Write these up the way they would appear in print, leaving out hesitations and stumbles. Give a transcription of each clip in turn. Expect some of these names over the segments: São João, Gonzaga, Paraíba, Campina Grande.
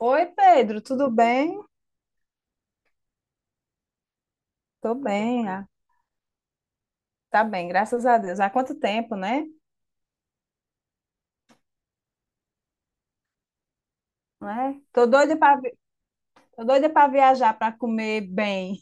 Oi, Pedro, tudo bem? Tô bem, tá bem, graças a Deus. Há quanto tempo, né? Não é? Tô doida para viajar, para comer bem.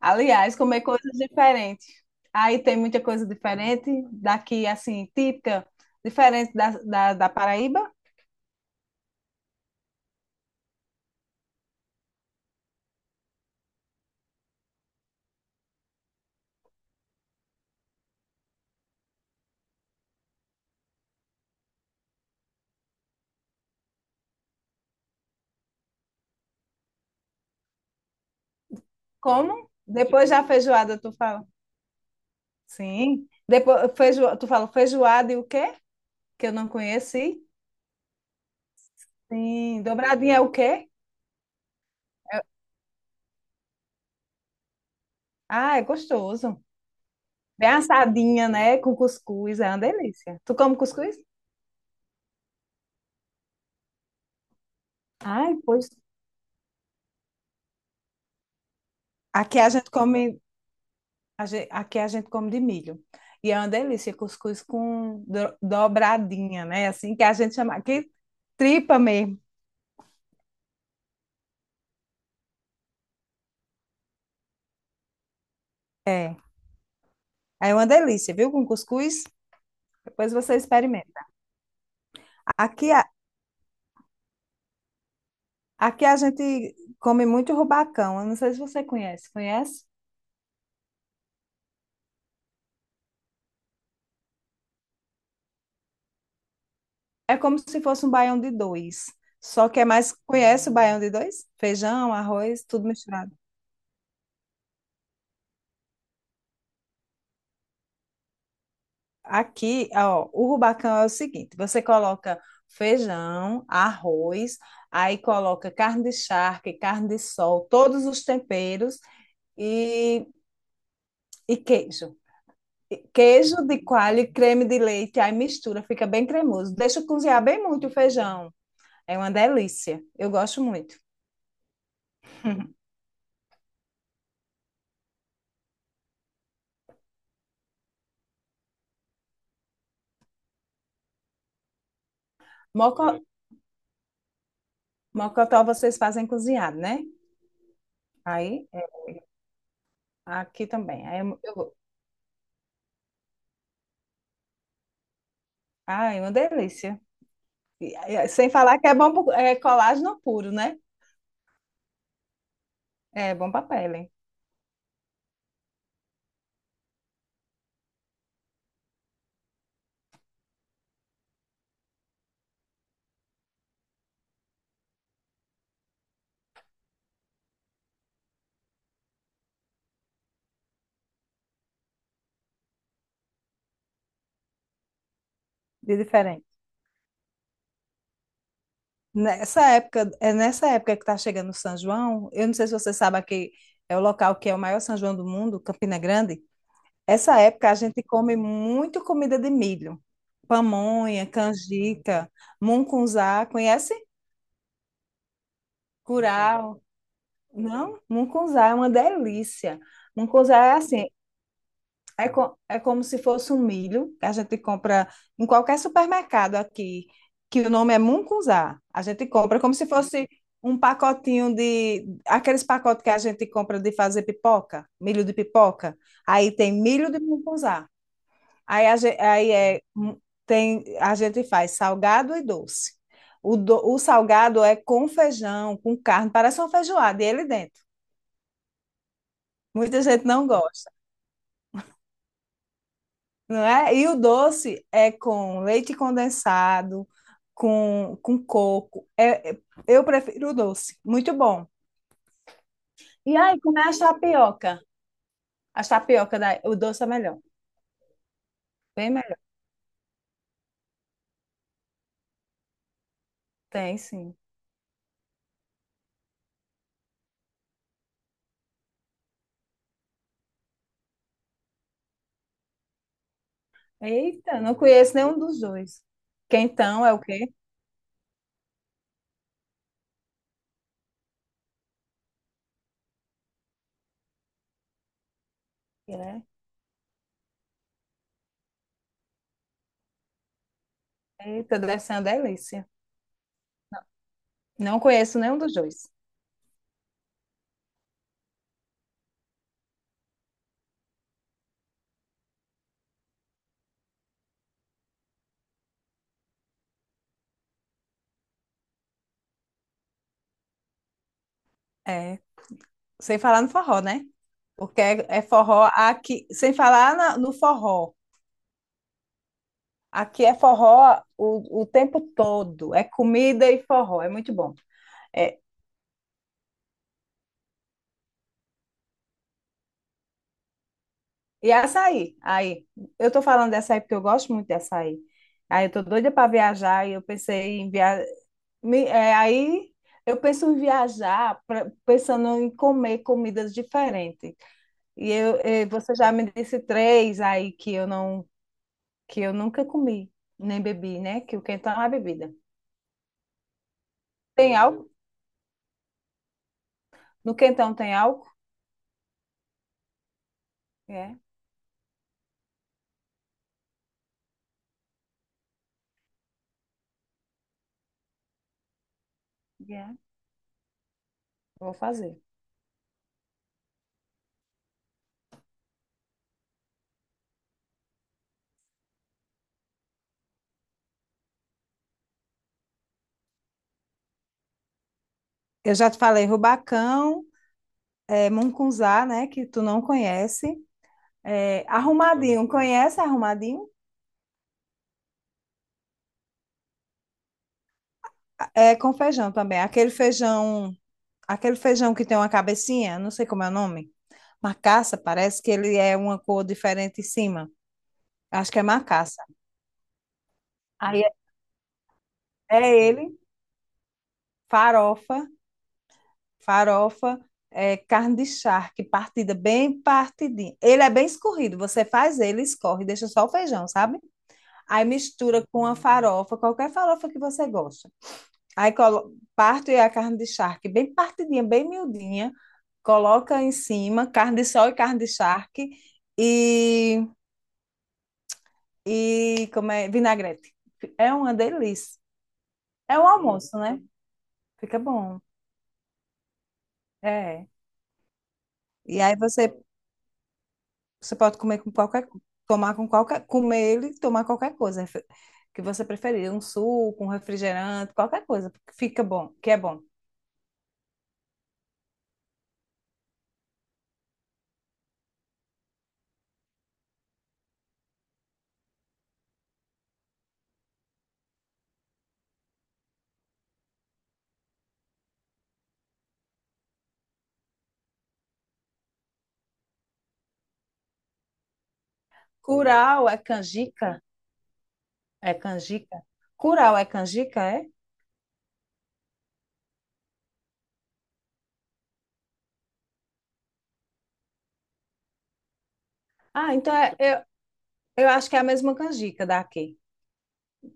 Aliás, comer coisas diferentes. Aí tem muita coisa diferente daqui, assim, típica, diferente da Paraíba. Como? Depois da feijoada, tu fala. Sim. Tu fala feijoada e o quê? Que eu não conheci. Sim. Dobradinha é o quê? Ah, é gostoso. Bem assadinha, né? Com cuscuz, é uma delícia. Tu come cuscuz? Ai, pois. Aqui a gente come, Aqui a gente come de milho. E é uma delícia, cuscuz com dobradinha, né? Assim que a gente chama aqui, tripa mesmo. É. É uma delícia, viu? Com cuscuz, depois você experimenta. Aqui, a- Aqui a gente come muito rubacão. Eu não sei se você conhece. Conhece? É como se fosse um baião de dois. Só que é mais. Conhece o baião de dois? Feijão, arroz, tudo misturado. Aqui, ó, o rubacão é o seguinte: você coloca feijão, arroz, aí coloca carne de charque, carne de sol, todos os temperos e, e queijo. E queijo de coalho e creme de leite, aí mistura, fica bem cremoso. Deixa cozinhar bem muito o feijão. É uma delícia. Eu gosto muito. Moco, mocotó vocês fazem cozinhado, né? Aí, é, aqui também. Ai, uma delícia. Sem falar que é bom, é colágeno puro, né? É, bom papel, hein? De diferente. Nessa época, é nessa época que está chegando o São João, eu não sei se você sabe aqui, é o local que é o maior São João do mundo, Campina Grande. Essa época a gente come muito comida de milho. Pamonha, canjica, mungunzá, conhece? Curau. Não? Mungunzá é uma delícia. Mungunzá é assim, é, é como se fosse um milho que a gente compra em qualquer supermercado aqui, que o nome é mungunzá. A gente compra como se fosse um pacotinho de Aqueles pacotes que a gente compra de fazer pipoca, milho de pipoca. Aí tem milho de mungunzá. Aí, a gente, aí é, mu- Tem, a gente faz salgado e doce. O salgado é com feijão, com carne, parece uma feijoada, e ele dentro. Muita gente não gosta. Não é? E o doce é com leite condensado, com coco. É, eu prefiro o doce, muito bom. E aí, como é as tapioca? O doce é melhor, bem melhor. Tem, sim. Eita, não conheço nenhum dos dois. Quentão é o quê? É. Eita, deve ser uma delícia. Não conheço nenhum dos dois. É, sem falar no forró, né? Porque é, é forró aqui, sem falar no forró. Aqui é forró o tempo todo. É comida e forró. É muito bom. É, e açaí. Aí, eu tô falando de açaí porque eu gosto muito de açaí. Aí eu tô doida para viajar e eu pensei em viajar. Aí eu penso em viajar pensando em comer comidas diferentes. E eu, eh, você já me disse três aí que eu nunca comi, nem bebi, né? Que o quentão é a bebida. Tem álcool? No quentão tem álcool? É, é. Vou fazer. Eu já te falei rubacão, é, mungunzá, né, que tu não conhece. É, arrumadinho, conhece arrumadinho? É com feijão também. Aquele feijão que tem uma cabecinha, não sei como é o nome. Macaça, parece que ele é uma cor diferente em cima. Acho que é macaça. Aí é é ele, farofa, farofa, é, carne de charque, partida bem partidinha. Ele é bem escorrido, você faz ele, escorre, deixa só o feijão, sabe? Aí mistura com a farofa, qualquer farofa que você gosta. Parto e a carne de charque bem partidinha, bem miudinha, coloca em cima carne de sol e carne de charque e, e como é, vinagrete. É uma delícia. É um almoço, né? Fica bom. É. E aí você, Você pode comer com qualquer, tomar com qualquer, comer ele, e tomar qualquer coisa que você preferir, um suco, um refrigerante, qualquer coisa, porque fica bom, que é bom. Curau é canjica? É canjica? Curau é canjica, é? Ah, então é- eu, eu acho que é a mesma canjica daqui.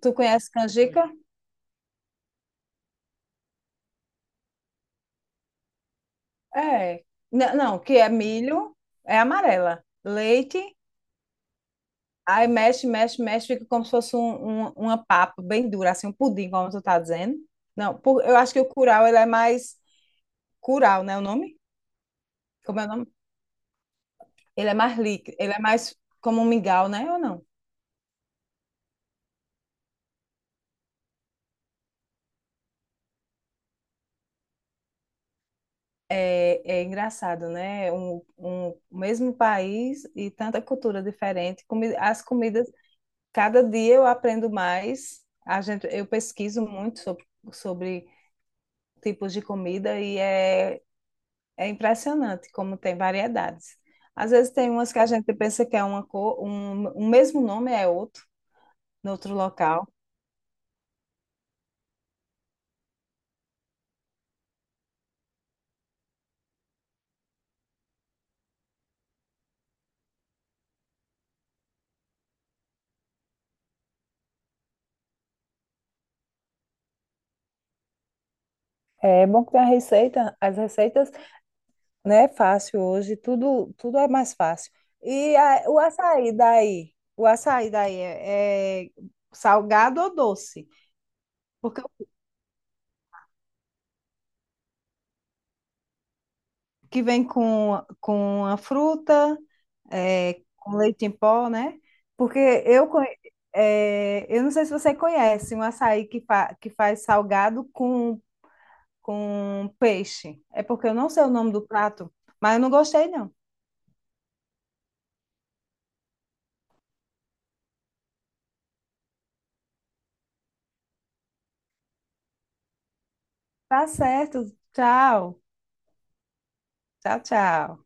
Tu conhece canjica? É. Não, que é milho, é amarela. Leite, aí mexe, mexe, mexe, fica como se fosse uma papa bem dura, assim, um pudim, como tu tá dizendo. Não, eu acho que o curau, ele é mais Curau, né, o nome? Como é o nome? Ele é mais como um mingau, né, ou não? É, é engraçado, né? Um mesmo país e tanta cultura diferente. As comidas, cada dia eu aprendo mais. A gente, eu pesquiso muito sobre, sobre tipos de comida e é, é impressionante como tem variedades. Às vezes tem umas que a gente pensa que é uma cor, um mesmo nome é outro, no outro local. É bom que tem a receita, as receitas né? Fácil hoje, tudo, tudo é mais fácil. O açaí daí? O açaí daí é, é salgado ou doce? Porque o que vem com a fruta, é, com leite em pó, né? Porque eu, conhe- é, eu não sei se você conhece um açaí que faz salgado com peixe. É porque eu não sei o nome do prato, mas eu não gostei, não. Tá certo. Tchau. Tchau, tchau.